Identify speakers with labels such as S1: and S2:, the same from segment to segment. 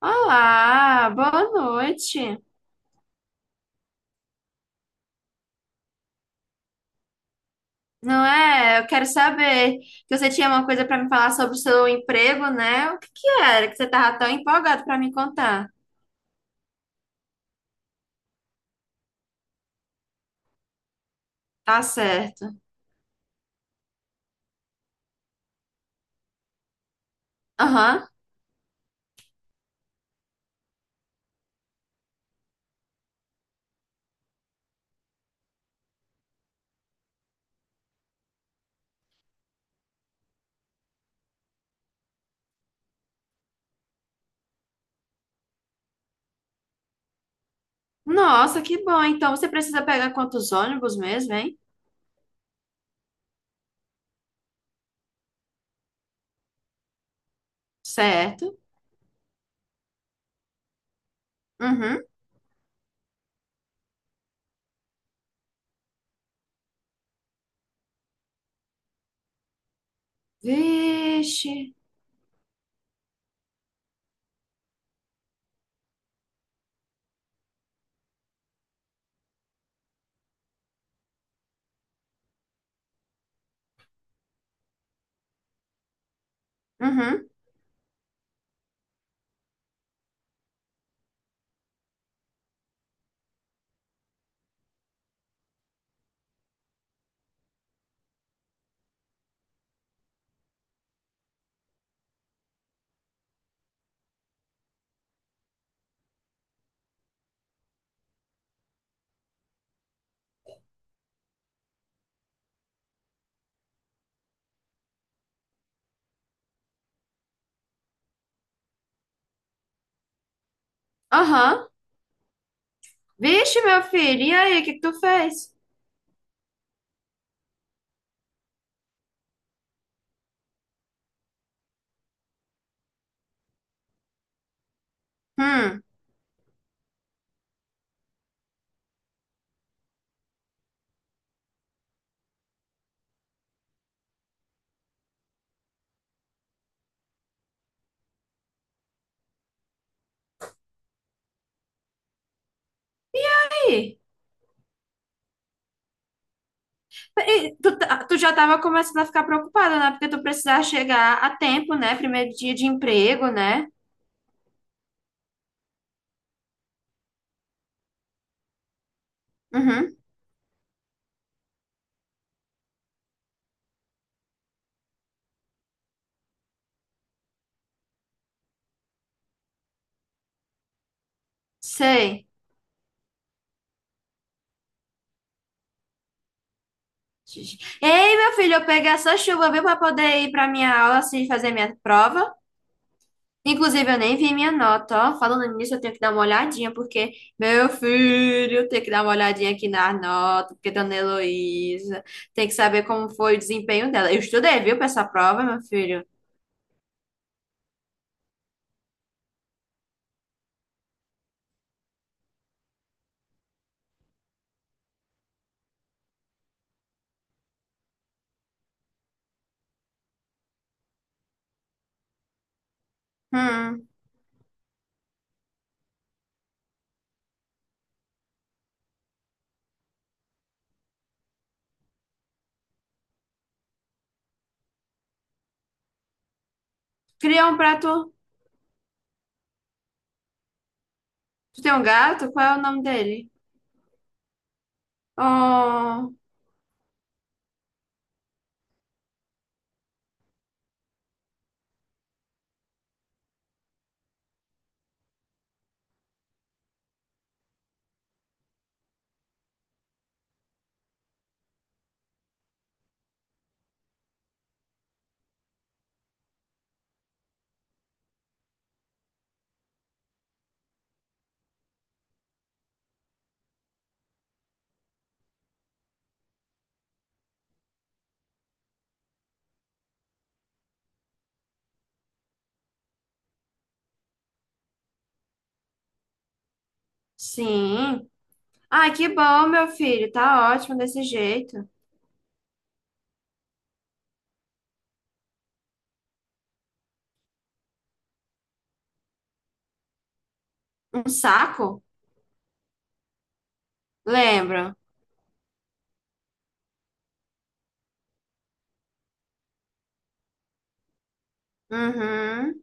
S1: Olá, boa noite. Não é? Eu quero saber que você tinha uma coisa para me falar sobre o seu emprego, né? O que que era que você tava tão empolgado para me contar? Tá certo. Aham. Nossa, que bom. Então você precisa pegar quantos ônibus mesmo, hein? Certo. Uhum. Vixe. Uhum. Aham. Vixe, meu filho. E aí, o que que tu fez? Hum. E aí? E tu, tu já estava começando a ficar preocupada, né? Porque tu precisava chegar a tempo, né? Primeiro dia de emprego, né? Uhum, sei. Ei, meu filho, eu peguei essa chuva, viu, para poder ir para minha aula, assim, fazer minha prova. Inclusive, eu nem vi minha nota, ó. Falando nisso, eu tenho que dar uma olhadinha, porque, meu filho, eu tenho que dar uma olhadinha aqui na nota, porque Dona Heloísa tem que saber como foi o desempenho dela. Eu estudei, viu, para essa prova, meu filho. Hum. Criou um prato. Tu tem um gato? Qual é o nome dele? Oh, sim. Ai, que bom, meu filho. Tá ótimo desse jeito. Um saco? Lembro. Uhum,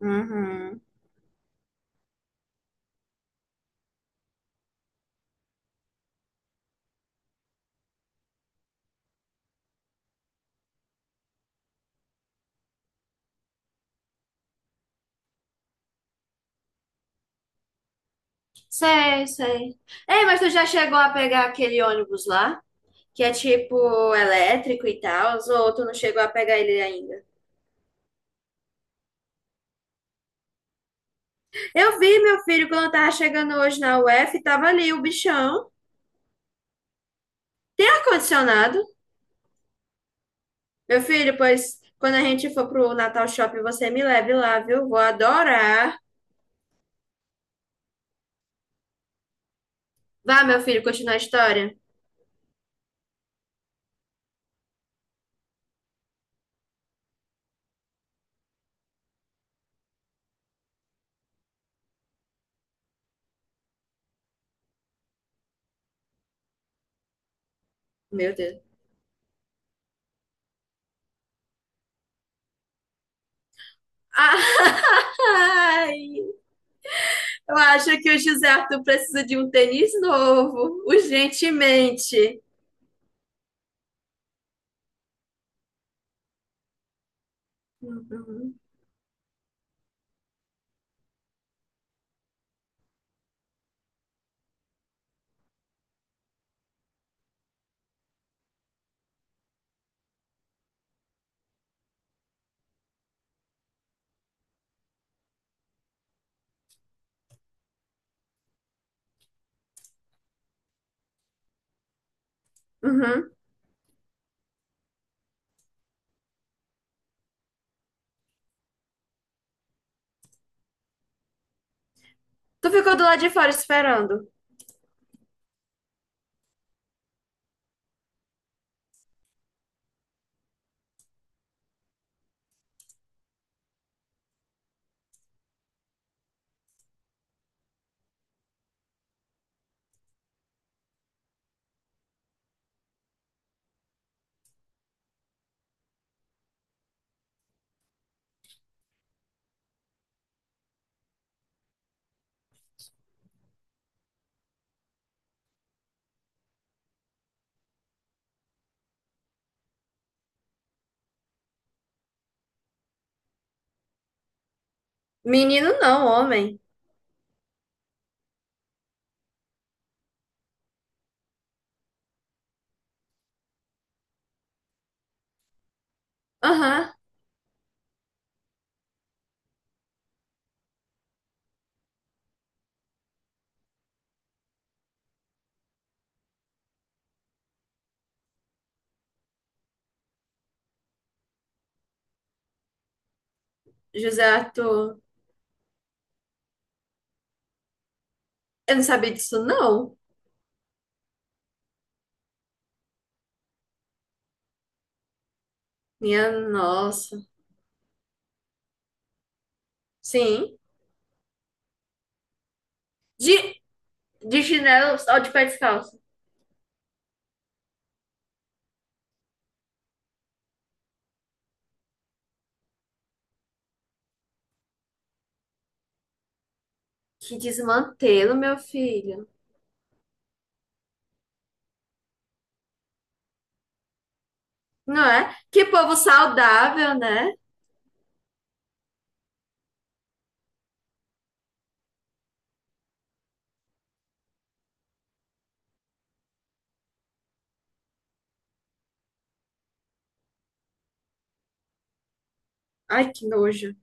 S1: uhum. Sei, sei. Ei, mas tu já chegou a pegar aquele ônibus lá? Que é tipo elétrico e tal, ou tu não chegou a pegar ele ainda? Eu vi, meu filho, quando eu tava chegando hoje na UF, tava ali o bichão. Tem ar-condicionado? Meu filho, pois quando a gente for pro Natal Shopping, você me leve lá, viu? Vou adorar. Vá, meu filho, continuar a história. Meu Deus. Ai, eu acho que o José Arthur precisa de um tênis novo, urgentemente. Uhum. Uhum. Tu ficou do lado de fora esperando. Menino não, homem. Aham, José Arthur. Eu não sabia disso, não. Minha nossa. Sim. De, de chinelo ou de pé descalço? Que desmantelo, meu filho. Não é? Que povo saudável, né? Ai, que nojo.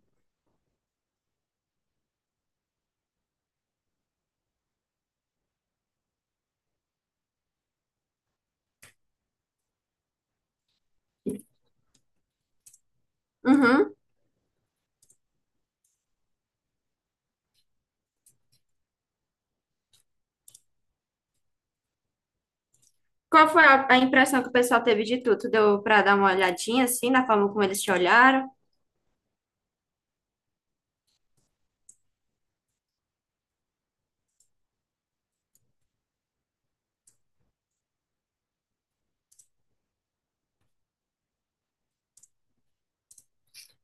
S1: Uhum. Qual foi a impressão que o pessoal teve de tu? Tu deu pra dar uma olhadinha, assim, na forma como eles te olharam?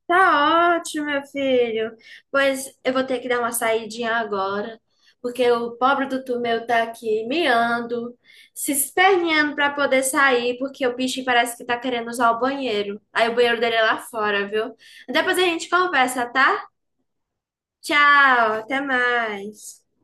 S1: Tá ótimo, meu filho. Pois eu vou ter que dar uma saidinha agora, porque o pobre do Tomeu tá aqui miando, se esperneando pra poder sair, porque o bicho parece que tá querendo usar o banheiro. Aí o banheiro dele é lá fora, viu? Depois a gente conversa, tá? Tchau, até mais.